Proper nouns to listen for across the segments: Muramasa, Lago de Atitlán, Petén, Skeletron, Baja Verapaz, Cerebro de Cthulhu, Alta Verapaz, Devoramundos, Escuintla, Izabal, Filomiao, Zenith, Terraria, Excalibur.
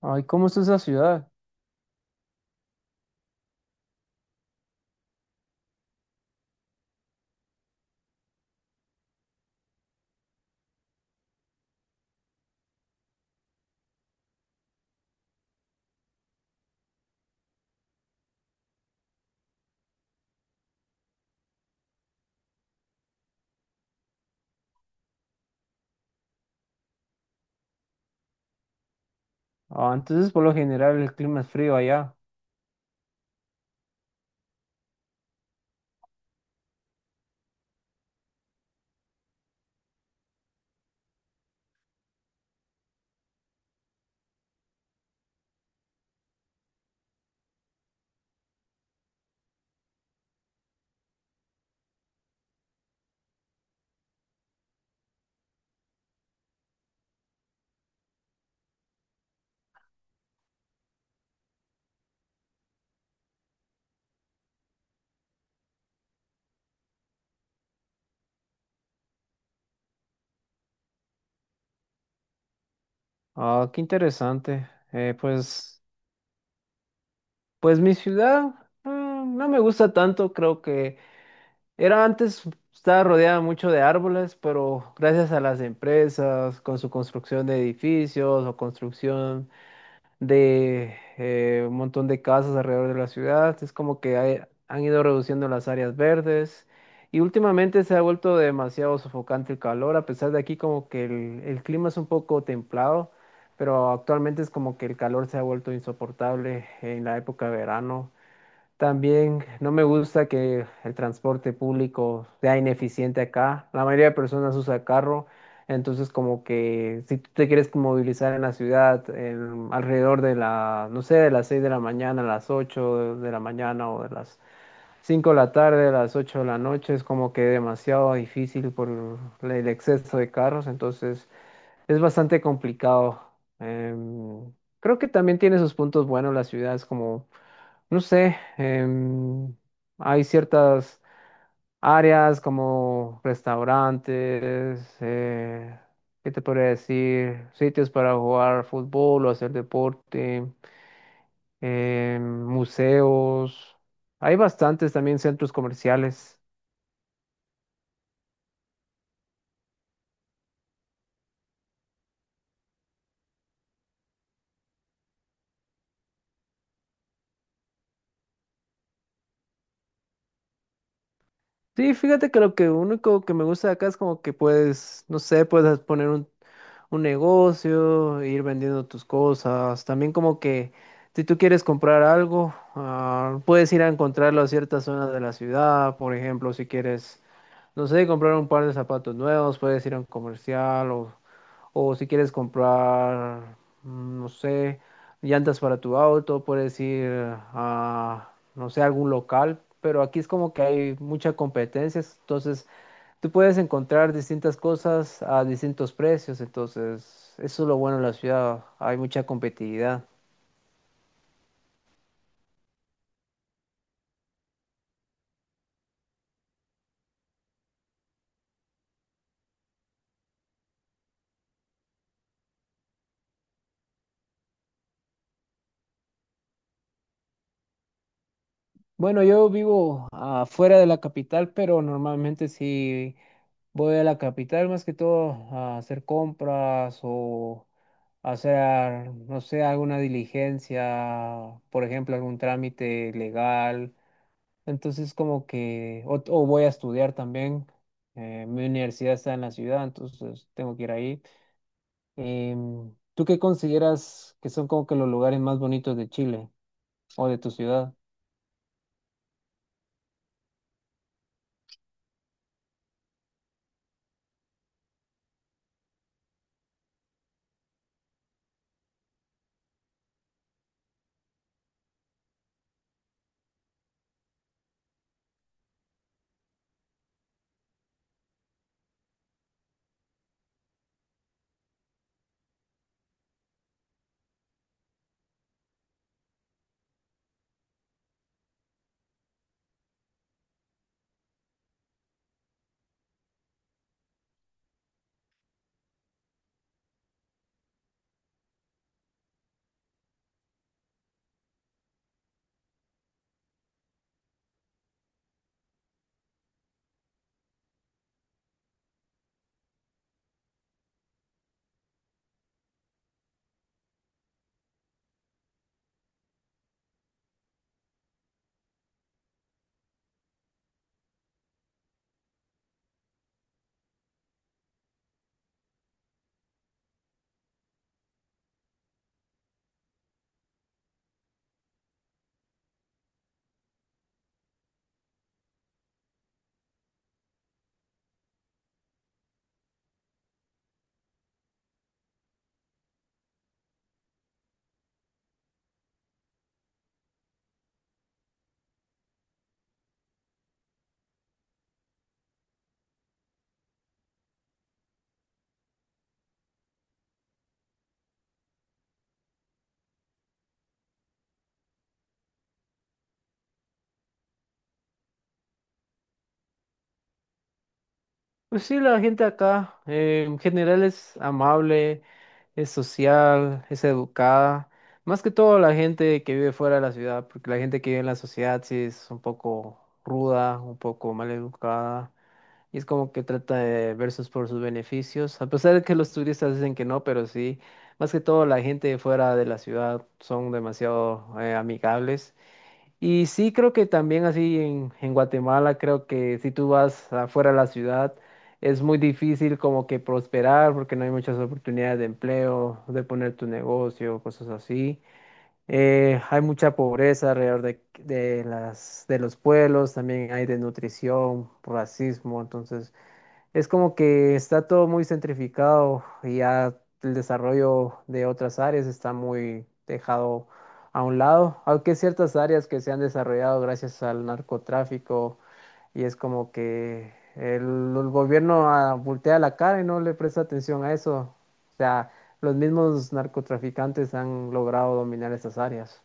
Ay, ¿cómo está esa ciudad? Ah, entonces por lo general el clima es frío allá. Ah, qué interesante. Pues mi ciudad, no me gusta tanto. Creo que era antes, estaba rodeada mucho de árboles, pero gracias a las empresas, con su construcción de edificios o construcción de un montón de casas alrededor de la ciudad. Es como que han ido reduciendo las áreas verdes. Y últimamente se ha vuelto demasiado sofocante el calor, a pesar de aquí como que el clima es un poco templado, pero actualmente es como que el calor se ha vuelto insoportable en la época de verano. También no me gusta que el transporte público sea ineficiente acá. La mayoría de personas usa carro, entonces como que si tú te quieres movilizar en la ciudad alrededor de la, no sé, de las 6 de la mañana a las 8 de la mañana o de las 5 de la tarde a las 8 de la noche, es como que demasiado difícil por el exceso de carros, entonces es bastante complicado. Em, Creo que también tiene sus puntos buenos la ciudad, es como no sé, hay ciertas áreas como restaurantes. ¿Qué te podría decir? Sitios para jugar fútbol o hacer deporte, museos. Hay bastantes también centros comerciales. Sí, fíjate que lo que único que me gusta de acá es como que puedes, no sé, puedes poner un negocio, ir vendiendo tus cosas. También como que si tú quieres comprar algo, puedes ir a encontrarlo a ciertas zonas de la ciudad. Por ejemplo, si quieres, no sé, comprar un par de zapatos nuevos, puedes ir a un comercial, o si quieres comprar, no sé, llantas para tu auto, puedes ir a, no sé, algún local. Pero aquí es como que hay mucha competencia. Entonces, tú puedes encontrar distintas cosas a distintos precios. Entonces, eso es lo bueno de la ciudad. Hay mucha competitividad. Bueno, yo vivo afuera de la capital, pero normalmente sí voy a la capital más que todo a hacer compras o hacer, no sé, alguna diligencia, por ejemplo, algún trámite legal. Entonces, como que, o voy a estudiar también. Mi universidad está en la ciudad, entonces tengo que ir ahí. ¿Tú qué consideras que son como que los lugares más bonitos de Chile o de tu ciudad? Pues sí, la gente acá en general es amable, es social, es educada. Más que todo la gente que vive fuera de la ciudad, porque la gente que vive en la sociedad sí es un poco ruda, un poco mal educada. Y es como que trata de versus por sus beneficios. A pesar de que los turistas dicen que no, pero sí, más que todo la gente fuera de la ciudad son demasiado amigables. Y sí, creo que también así en Guatemala, creo que si tú vas afuera de la ciudad, es muy difícil como que prosperar porque no hay muchas oportunidades de empleo, de poner tu negocio, cosas así. Hay mucha pobreza alrededor de los pueblos, también hay desnutrición, racismo, entonces... Es como que está todo muy centrificado y ya el desarrollo de otras áreas está muy dejado a un lado, aunque ciertas áreas que se han desarrollado gracias al narcotráfico. Y es como que el gobierno, voltea la cara y no le presta atención a eso. O sea, los mismos narcotraficantes han logrado dominar estas áreas.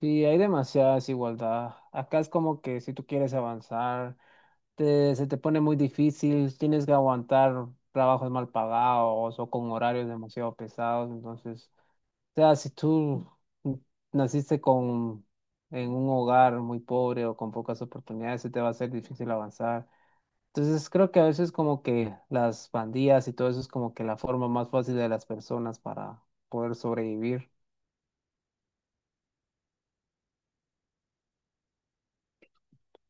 Sí, hay demasiada desigualdad. Acá es como que si tú quieres avanzar, se te pone muy difícil, tienes que aguantar trabajos mal pagados o con horarios demasiado pesados. Entonces, o sea, si tú naciste con, en un hogar muy pobre o con pocas oportunidades, se te va a hacer difícil avanzar. Entonces, creo que a veces como que las pandillas y todo eso es como que la forma más fácil de las personas para poder sobrevivir.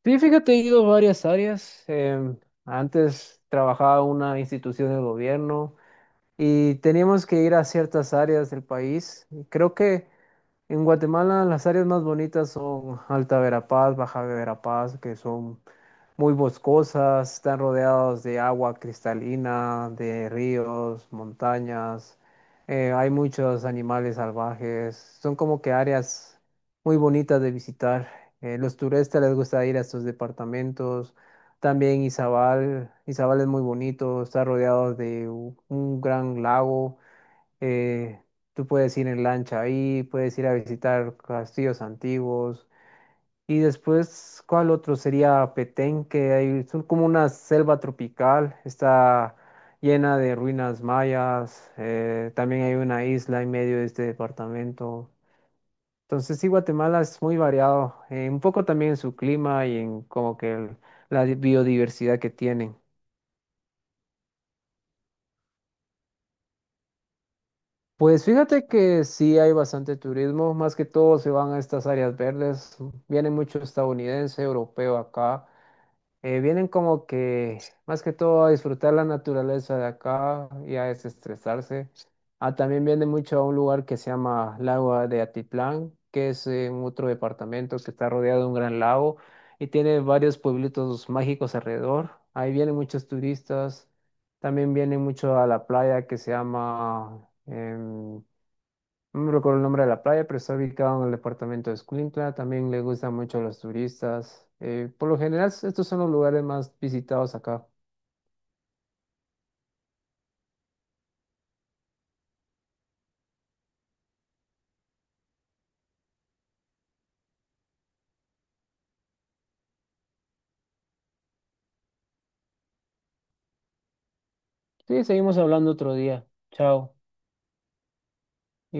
Sí, fíjate, he ido a varias áreas. Antes trabajaba en una institución del gobierno, y teníamos que ir a ciertas áreas del país. Y creo que en Guatemala las áreas más bonitas son Alta Verapaz, Baja Verapaz, que son muy boscosas, están rodeados de agua cristalina, de ríos, montañas. Hay muchos animales salvajes, son como que áreas muy bonitas de visitar. Los turistas les gusta ir a estos departamentos, también Izabal. Izabal es muy bonito, está rodeado de un gran lago. eh, Tú puedes ir en lancha ahí, puedes ir a visitar castillos antiguos. Y después, ¿cuál otro? Sería Petén, que hay, son como una selva tropical, está llena de ruinas mayas. También hay una isla en medio de este departamento. Entonces, sí, Guatemala es muy variado, un poco también en su clima y en como que la biodiversidad que tienen. Pues fíjate que sí hay bastante turismo, más que todo se van a estas áreas verdes, vienen mucho estadounidense, europeo acá. Vienen como que más que todo a disfrutar la naturaleza de acá y a desestresarse. Ah, también viene mucho a un lugar que se llama Lago de Atitlán, que es en otro departamento que está rodeado de un gran lago y tiene varios pueblitos mágicos alrededor. Ahí vienen muchos turistas, también vienen mucho a la playa que se llama... no me recuerdo el nombre de la playa, pero está ubicado en el departamento de Escuintla. También le gusta mucho a los turistas. Por lo general, estos son los lugares más visitados acá. Sí, seguimos hablando otro día. Chao. Igual.